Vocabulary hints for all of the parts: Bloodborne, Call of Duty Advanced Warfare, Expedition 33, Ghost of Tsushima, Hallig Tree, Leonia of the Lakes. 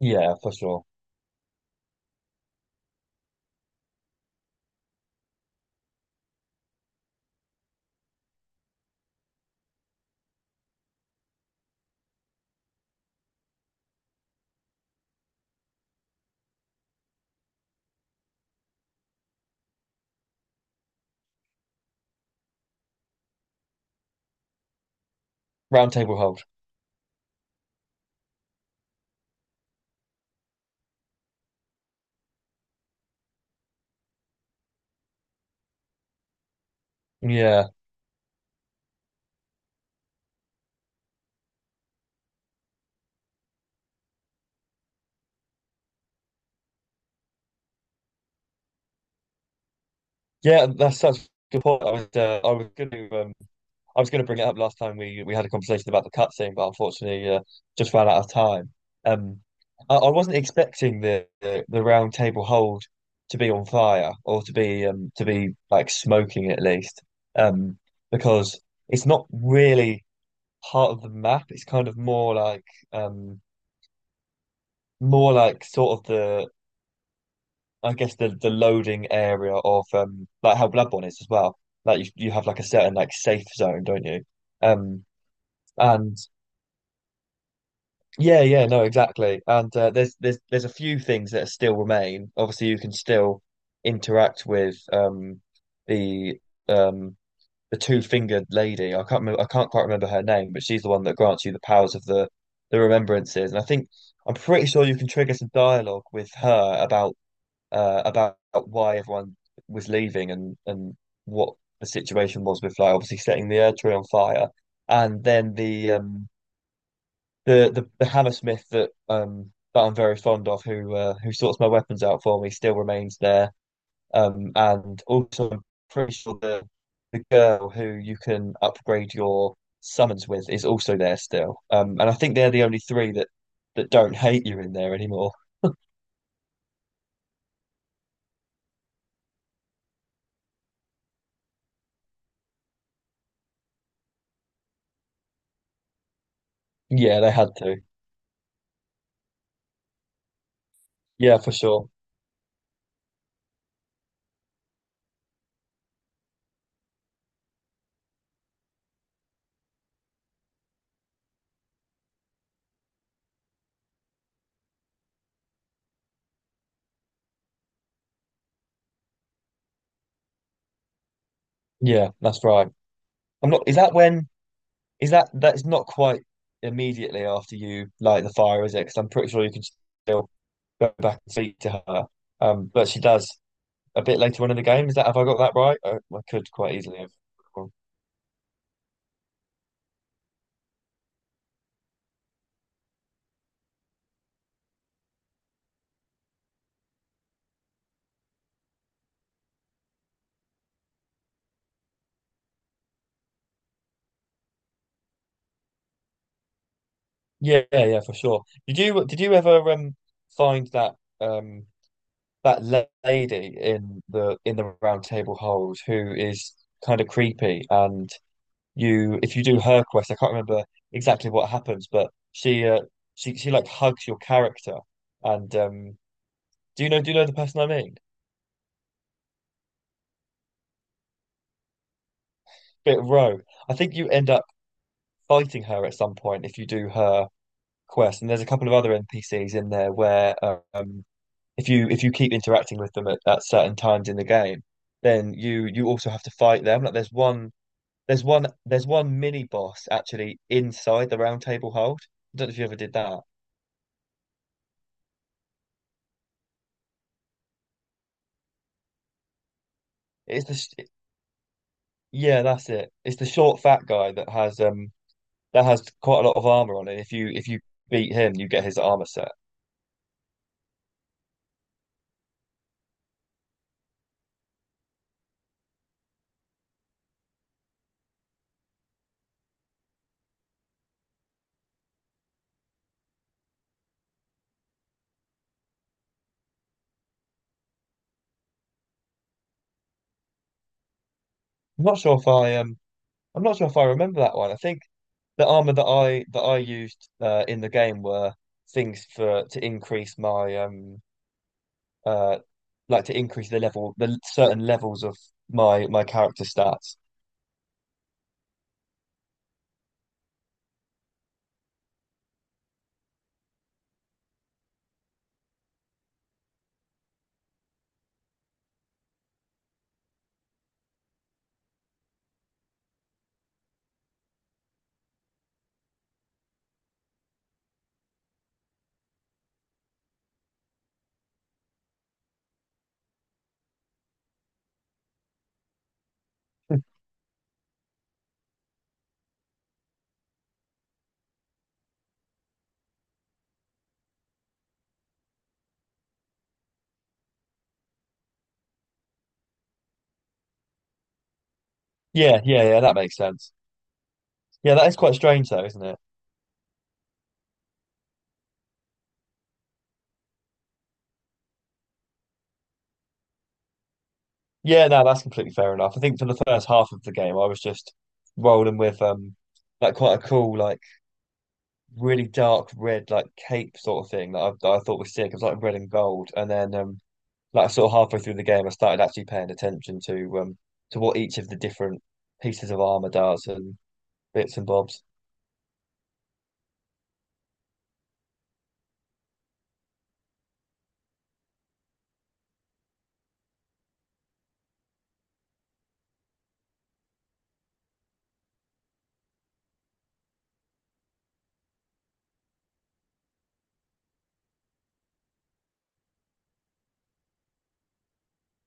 Yeah, for sure. Round table hold. Yeah, yeah, that's such a good point. I was going to, I was going to bring it up last time we had a conversation about the cutscene, but unfortunately, just ran out of time. Um, I wasn't expecting the round table hold to be on fire or to be like smoking at least, um, because it's not really part of the map. It's kind of um more like sort of the I guess the loading area of like how Bloodborne is as well. Like you have like a certain like safe zone, don't you? Um and yeah, yeah, no, exactly. And there's a few things that still remain. Obviously, you can still interact with the um the two-fingered lady. I can't remember, I can't quite remember her name, but she's the one that grants you the powers of the remembrances. And I think I'm pretty sure you can trigger some dialogue with her about why everyone was leaving and what the situation was with like obviously setting the air tree on fire, and then the the Hammersmith that that I'm very fond of who sorts my weapons out for me still remains there. And also I'm pretty sure the girl who you can upgrade your summons with is also there still. And I think they're the only three that don't hate you in there anymore. Yeah, they had to. Yeah, for sure. Yeah, that's right. I'm not. Is that when? Is that that's not quite immediately after you light the fire, is it? Because I'm pretty sure you can still go back and speak to her. But she does a bit later on in the game. Is that have I got that right? I could quite easily have. Yeah, yeah, yeah, for sure. Did you ever find that um that lady in the round table hold who is kind of creepy and you if you do her quest, I can't remember exactly what happens, but she she like hugs your character. And do you know the person I mean? Bit Rogue. I think you end up fighting her at some point if you do her quest. And there's a couple of other NPCs in there where if you keep interacting with them at certain times in the game, then you also have to fight them. Like there's one mini boss actually inside the Round Table Hold. I don't know if you ever did that. It's the Yeah, that's it. It's the short, fat guy that has quite a lot of armor on it. If you beat him, you get his armor set. I'm not sure if I I'm not sure if I remember that one. I think the armor that I used in the game were things for to increase my uh like to increase the level the certain levels of my character stats. Yeah, yeah, yeah. That makes sense. Yeah, that is quite strange though, isn't it? Yeah, no, that's completely fair enough. I think for the first half of the game, I was just rolling with like quite a cool, like really dark red, like cape sort of thing that I thought was sick. It was like red and gold, and then like sort of halfway through the game, I started actually paying attention to what each of the different pieces of armor does and bits and bobs.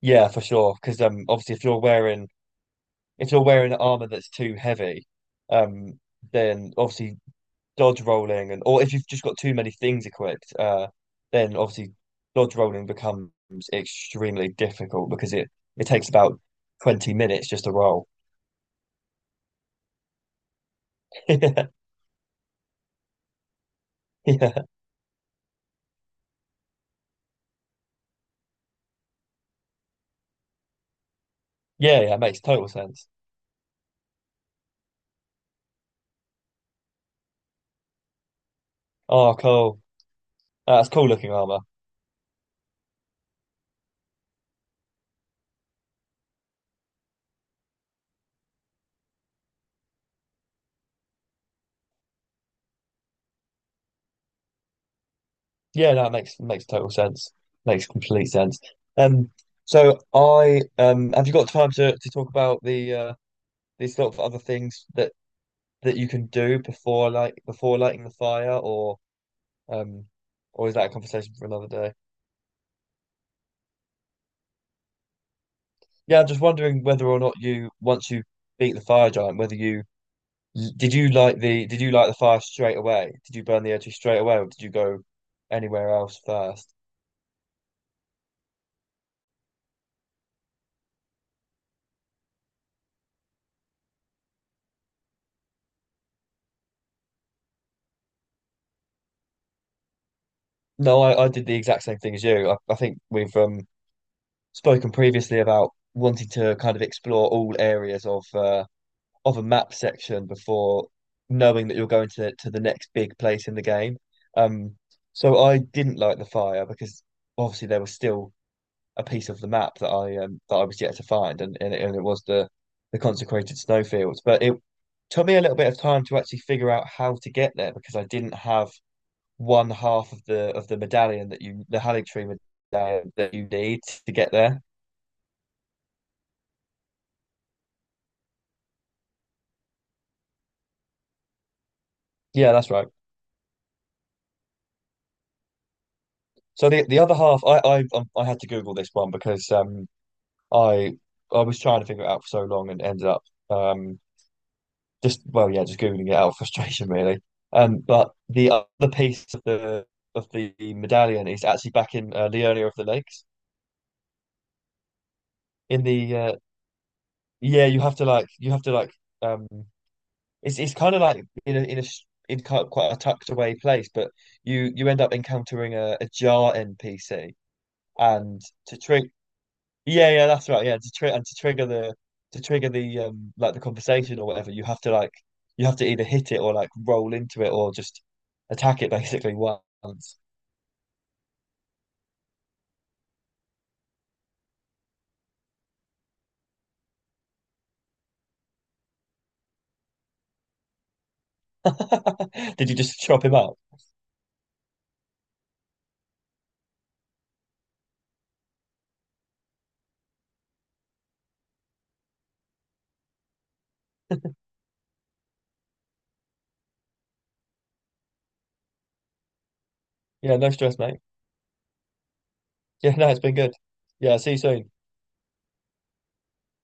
Yeah, for sure. Because obviously if you're wearing armor that's too heavy, um then obviously dodge rolling and or if you've just got too many things equipped, then obviously dodge rolling becomes extremely difficult because it takes about 20 minutes just to roll. Yeah, yeah, yeah, it makes total sense. Oh, cool. That's cool looking armor. Yeah, that makes makes total sense. Makes complete sense. Um, so I have you got time to talk about the these sort of other things that you can do before like before lighting the fire or um, or is that a conversation for another day? Yeah, I'm just wondering whether or not you, once you beat the fire giant, whether you did you like the did you like the fire straight away? Did you burn the energy straight away, or did you go anywhere else first? No, I did the exact same thing as you. I think we've spoken previously about wanting to kind of explore all areas of a map section before knowing that you're going to the next big place in the game. Um, so I didn't like the fire because obviously there was still a piece of the map that I was yet to find, and and it was the consecrated snowfields. But it took me a little bit of time to actually figure out how to get there because I didn't have one half of the medallion that you the Hallig Tree medallion that you need to get there. Yeah, that's right. So the other half, I had to Google this one because I I was trying to figure it out for so long and ended up um just well, yeah, just googling it out of frustration really. But the other piece of the medallion is actually back in Leonia of the Lakes. In the yeah, you have to like you have to like um, it's kind of like in a in a in quite a tucked away place, but you end up encountering a Jar NPC, and to trick Yeah, yeah, that's right. Yeah, to tri and to trigger the like the conversation or whatever, you have to like you have to either hit it or like roll into it or just attack it basically once. Did you just chop him up? Yeah, no stress, mate. Yeah, no, it's been good. Yeah, see you soon.